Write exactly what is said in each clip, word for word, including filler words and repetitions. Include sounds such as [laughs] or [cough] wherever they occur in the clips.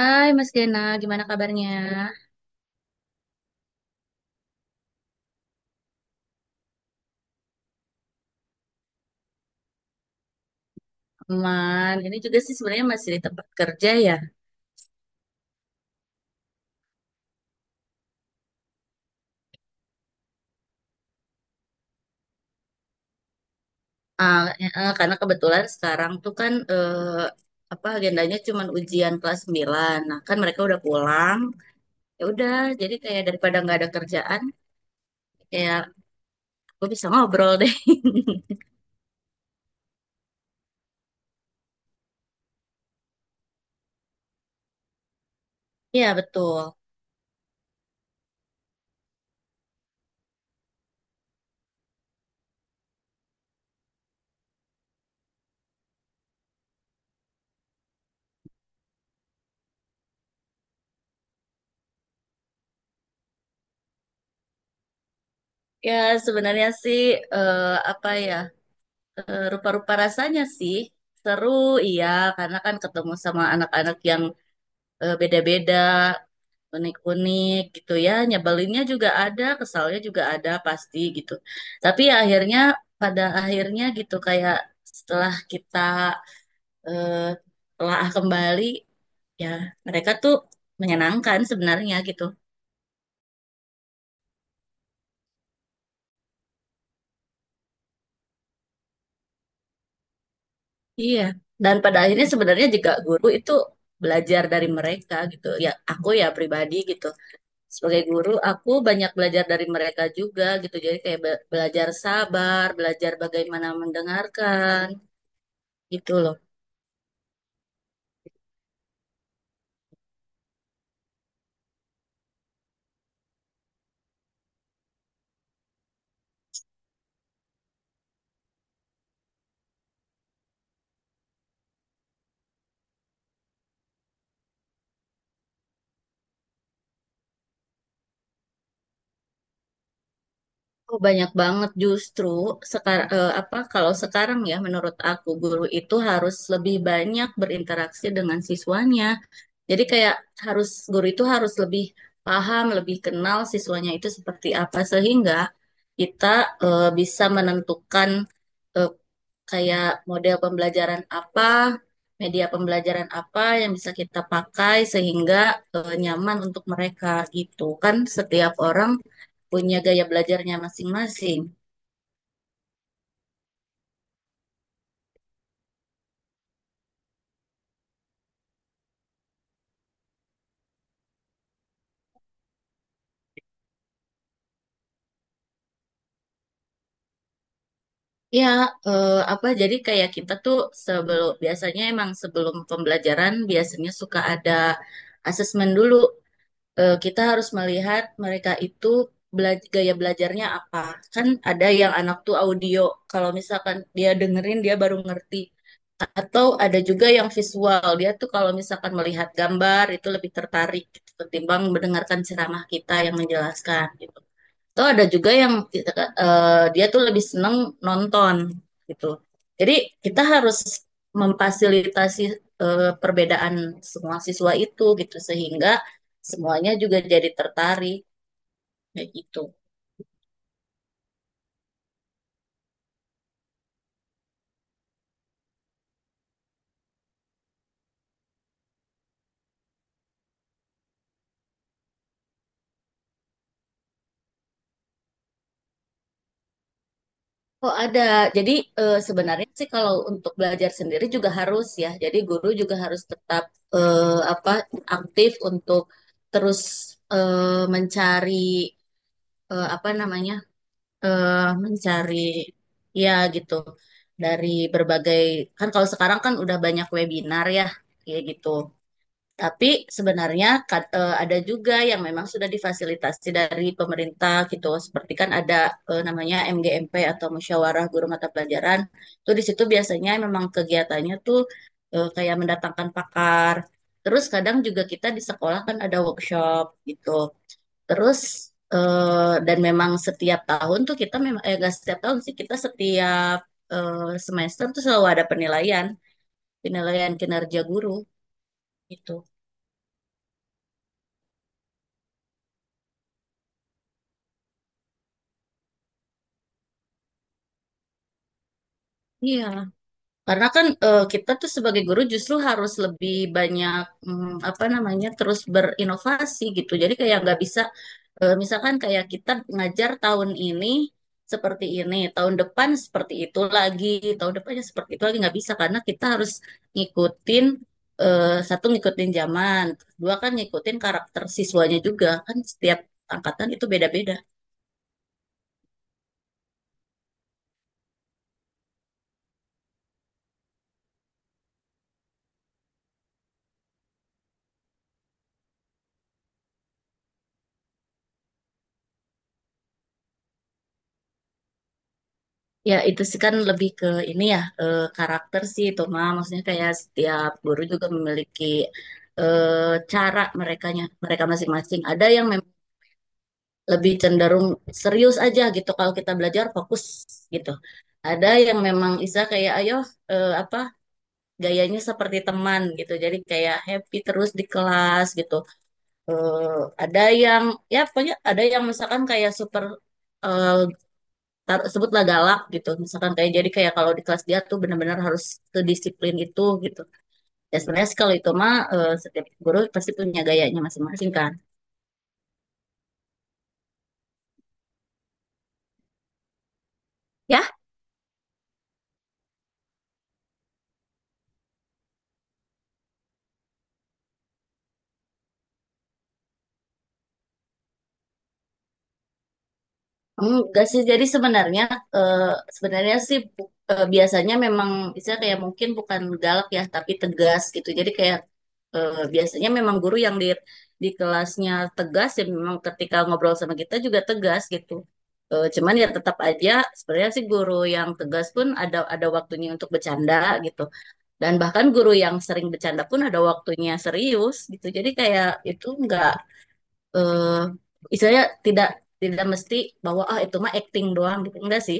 Hai Mas Gena, gimana kabarnya? Aman. Ini juga sih sebenarnya masih di tempat kerja ya. Ah, eh, eh, karena kebetulan sekarang tuh kan eh, apa agendanya cuman ujian kelas sembilan. Nah, kan mereka udah pulang. Ya udah, jadi kayak daripada nggak ada kerjaan, kayak gue bisa ngobrol deh. [laughs] Iya, betul. Ya, sebenarnya sih eh, apa ya? Eh, rupa-rupa rasanya sih seru, iya, karena kan ketemu sama anak-anak yang eh, beda-beda, unik-unik gitu ya, nyebelinnya juga ada, kesalnya juga ada pasti gitu, tapi ya akhirnya pada akhirnya gitu kayak setelah kita eh, telah kembali, ya mereka tuh menyenangkan sebenarnya gitu. Iya, dan pada akhirnya sebenarnya juga guru itu belajar dari mereka gitu, ya aku ya pribadi gitu, sebagai guru aku banyak belajar dari mereka juga gitu, jadi kayak be- belajar sabar, belajar bagaimana mendengarkan gitu loh. Oh, banyak banget justru sekarang, apa kalau sekarang ya menurut aku guru itu harus lebih banyak berinteraksi dengan siswanya. Jadi kayak harus guru itu harus lebih paham, lebih kenal siswanya itu seperti apa, sehingga kita eh, bisa menentukan eh, kayak model pembelajaran apa, media pembelajaran apa yang bisa kita pakai sehingga eh, nyaman untuk mereka gitu. Kan setiap orang punya gaya belajarnya masing-masing. Ya, eh, apa jadi kayak kita tuh sebelum biasanya emang sebelum pembelajaran biasanya suka ada asesmen dulu. Eh, kita harus melihat mereka itu bela- gaya belajarnya apa. Kan ada yang anak tuh audio, kalau misalkan dia dengerin dia baru ngerti. Atau ada juga yang visual, dia tuh kalau misalkan melihat gambar itu lebih tertarik gitu, ketimbang mendengarkan ceramah kita yang menjelaskan gitu. Atau ada juga yang eh, dia tuh lebih seneng nonton gitu. Jadi kita harus memfasilitasi eh, perbedaan semua siswa itu gitu sehingga semuanya juga jadi tertarik kayak gitu. Oh ada, jadi eh, sebenarnya sih kalau untuk belajar sendiri juga harus ya. Jadi guru juga harus tetap eh, apa aktif untuk terus eh, mencari eh, apa namanya eh mencari ya gitu dari berbagai, kan kalau sekarang kan udah banyak webinar ya kayak gitu. Tapi sebenarnya kad- eh, ada juga yang memang sudah difasilitasi dari pemerintah gitu. Seperti kan ada eh, namanya M G M P atau Musyawarah Guru Mata Pelajaran. Tuh di situ biasanya memang kegiatannya tuh eh, kayak mendatangkan pakar. Terus kadang juga kita di sekolah kan ada workshop gitu. Terus eh, dan memang setiap tahun tuh kita memang eh gak setiap tahun sih kita setiap eh, semester tuh selalu ada penilaian, penilaian kinerja guru gitu. Iya. Karena kan eh, kita tuh sebagai guru justru harus lebih banyak mm, apa namanya terus berinovasi gitu. Jadi kayak nggak bisa eh, misalkan kayak kita ngajar tahun ini seperti ini, tahun depan seperti itu lagi, tahun depannya seperti itu lagi nggak bisa karena kita harus ngikutin eh, satu ngikutin zaman, dua kan ngikutin karakter siswanya juga kan setiap angkatan itu beda-beda. Ya, itu sih kan lebih ke ini ya, eh, karakter sih itu mah. Maksudnya kayak setiap guru juga memiliki eh, cara merekanya, mereka masing-masing. Ada yang memang lebih cenderung serius aja gitu kalau kita belajar fokus gitu. Ada yang memang Isa kayak ayo eh, apa gayanya seperti teman gitu. Jadi kayak happy terus di kelas gitu. Eh, ada yang ya pokoknya ada yang misalkan kayak super eh, taruh sebutlah galak gitu misalkan kayak jadi kayak kalau di kelas dia tuh benar-benar harus sedisiplin itu gitu, ya sebenarnya sih kalau itu mah eh, setiap guru pasti punya gayanya masing-masing kan, ya. Enggak sih, jadi sebenarnya eh, sebenarnya sih bu- eh, biasanya memang bisa kayak mungkin bukan galak ya, tapi tegas gitu. Jadi kayak eh, biasanya memang guru yang di di kelasnya tegas ya memang ketika ngobrol sama kita juga tegas gitu. Eh, cuman ya tetap aja sebenarnya sih guru yang tegas pun ada ada waktunya untuk bercanda gitu. Dan bahkan guru yang sering bercanda pun ada waktunya serius gitu. Jadi kayak itu enggak eh istilahnya tidak tidak mesti bahwa ah itu mah acting doang gitu. Enggak sih.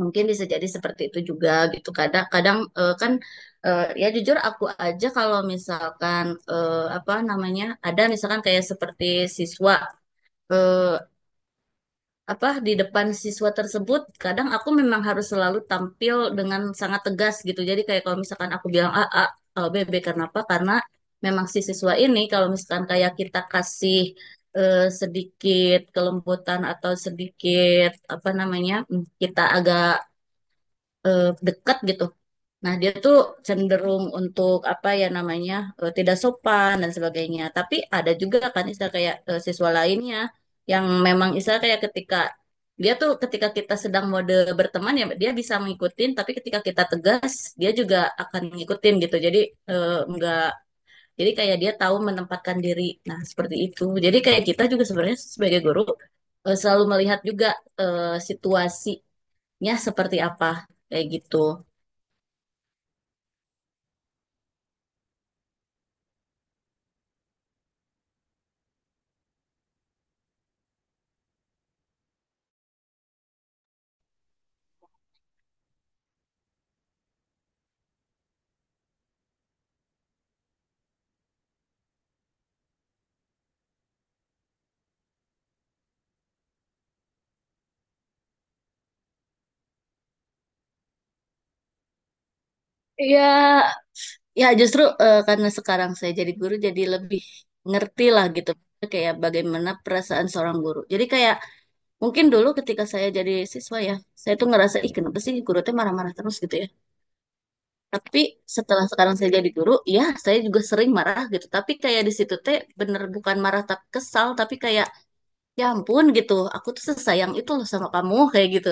Mungkin bisa jadi seperti itu juga gitu. Kadang-kadang eh, kan eh, ya jujur aku aja kalau misalkan eh, apa namanya ada misalkan kayak seperti siswa eh, apa di depan siswa tersebut kadang aku memang harus selalu tampil dengan sangat tegas gitu jadi kayak kalau misalkan aku bilang A A kalau B B kenapa karena memang si siswa ini kalau misalkan kayak kita kasih eh, sedikit kelembutan atau sedikit apa namanya mm, kita agak eh, deket gitu. Nah, dia tuh cenderung untuk apa ya namanya eh, tidak sopan dan sebagainya. Tapi ada juga kan istilah kayak eh, siswa lainnya yang memang istilah kayak ketika dia tuh ketika kita sedang mode berteman ya dia bisa ngikutin, tapi ketika kita tegas dia juga akan ngikutin gitu. Jadi eh, enggak, jadi kayak dia tahu menempatkan diri. Nah, seperti itu. Jadi kayak kita juga sebenarnya sebagai guru eh, selalu melihat juga eh, situasinya seperti apa kayak gitu. Iya, ya justru eh, karena sekarang saya jadi guru jadi lebih ngerti lah gitu, kayak bagaimana perasaan seorang guru. Jadi kayak mungkin dulu ketika saya jadi siswa ya, saya tuh ngerasa ih kenapa sih guru tuh marah-marah terus gitu ya. Tapi setelah sekarang saya jadi guru, ya saya juga sering marah gitu. Tapi kayak di situ teh bener bukan marah tapi kesal, tapi kayak ya ampun gitu. Aku tuh sesayang itu loh sama kamu kayak gitu.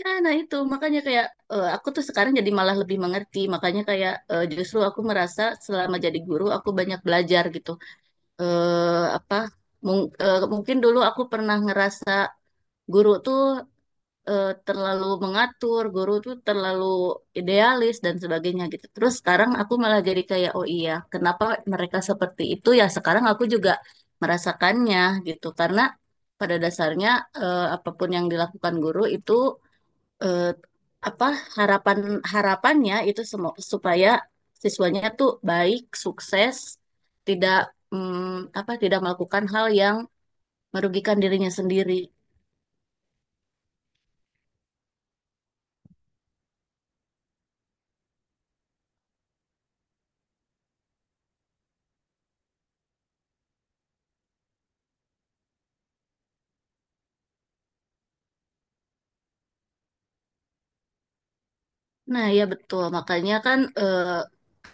Ya, nah itu makanya kayak eh, aku tuh sekarang jadi malah lebih mengerti. Makanya kayak eh, justru aku merasa selama jadi guru aku banyak belajar gitu. Eh apa mung- eh, mungkin dulu aku pernah ngerasa guru tuh eh, terlalu mengatur, guru tuh terlalu idealis dan sebagainya gitu. Terus sekarang aku malah jadi kayak oh iya, kenapa mereka seperti itu ya? Sekarang aku juga merasakannya gitu. Karena pada dasarnya eh, apapun yang dilakukan guru itu eh, apa harapan harapannya itu semua supaya siswanya tuh baik, sukses, tidak mm, apa tidak melakukan hal yang merugikan dirinya sendiri. Nah, ya betul. Makanya kan eh,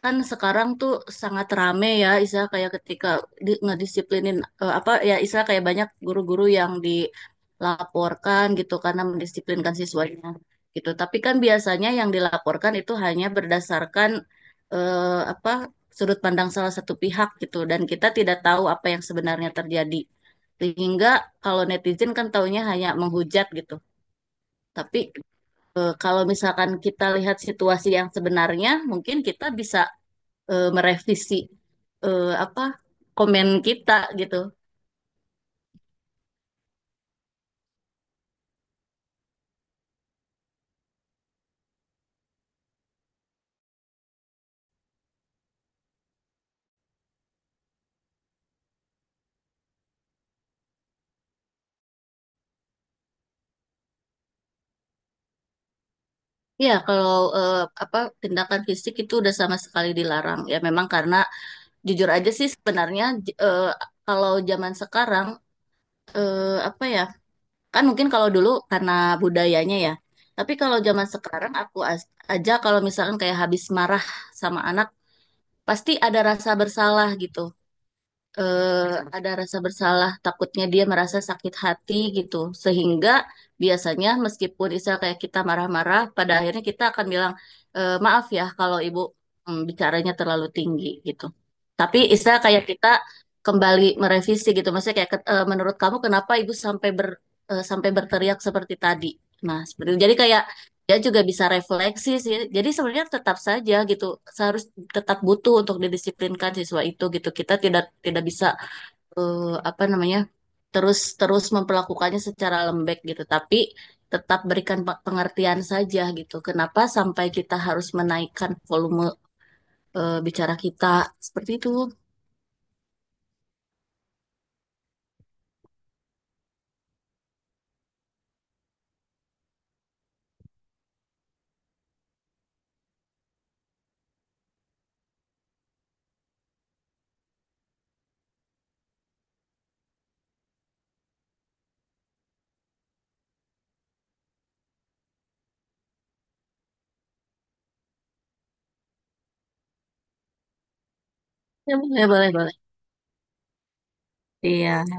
kan sekarang tuh sangat rame ya, Isa kayak ketika di, ngedisiplinin eh, apa ya Isa kayak banyak guru-guru yang dilaporkan gitu karena mendisiplinkan siswanya gitu. Tapi kan biasanya yang dilaporkan itu hanya berdasarkan eh, apa sudut pandang salah satu pihak gitu dan kita tidak tahu apa yang sebenarnya terjadi. Sehingga kalau netizen kan taunya hanya menghujat gitu. Tapi eh, kalau misalkan kita lihat situasi yang sebenarnya, mungkin kita bisa eh, merevisi eh, apa komen kita gitu. Ya, kalau eh, apa tindakan fisik itu udah sama sekali dilarang. Ya, memang karena jujur aja sih sebenarnya j- eh, kalau zaman sekarang eh, apa ya? Kan mungkin kalau dulu karena budayanya ya. Tapi kalau zaman sekarang aku as- aja kalau misalkan kayak habis marah sama anak, pasti ada rasa bersalah gitu. eh, ada rasa bersalah, takutnya dia merasa sakit hati gitu. Sehingga biasanya meskipun misal kayak kita marah-marah, pada akhirnya kita akan bilang, "Eh, maaf ya kalau ibu mm, bicaranya terlalu tinggi gitu. Tapi istilah kayak kita kembali merevisi gitu. Maksudnya kayak "Ket- eh, menurut kamu kenapa ibu sampai ber eh, sampai berteriak seperti tadi? Nah, seperti itu. Jadi kayak dia juga bisa refleksi sih. Jadi sebenarnya tetap saja gitu. Seharus tetap butuh untuk didisiplinkan siswa itu gitu. Kita tidak tidak bisa eh, apa namanya terus terus memperlakukannya secara lembek gitu. Tapi tetap berikan pengertian saja gitu. Kenapa sampai kita harus menaikkan volume eh, bicara kita seperti itu? Ya, boleh boleh boleh. Iya.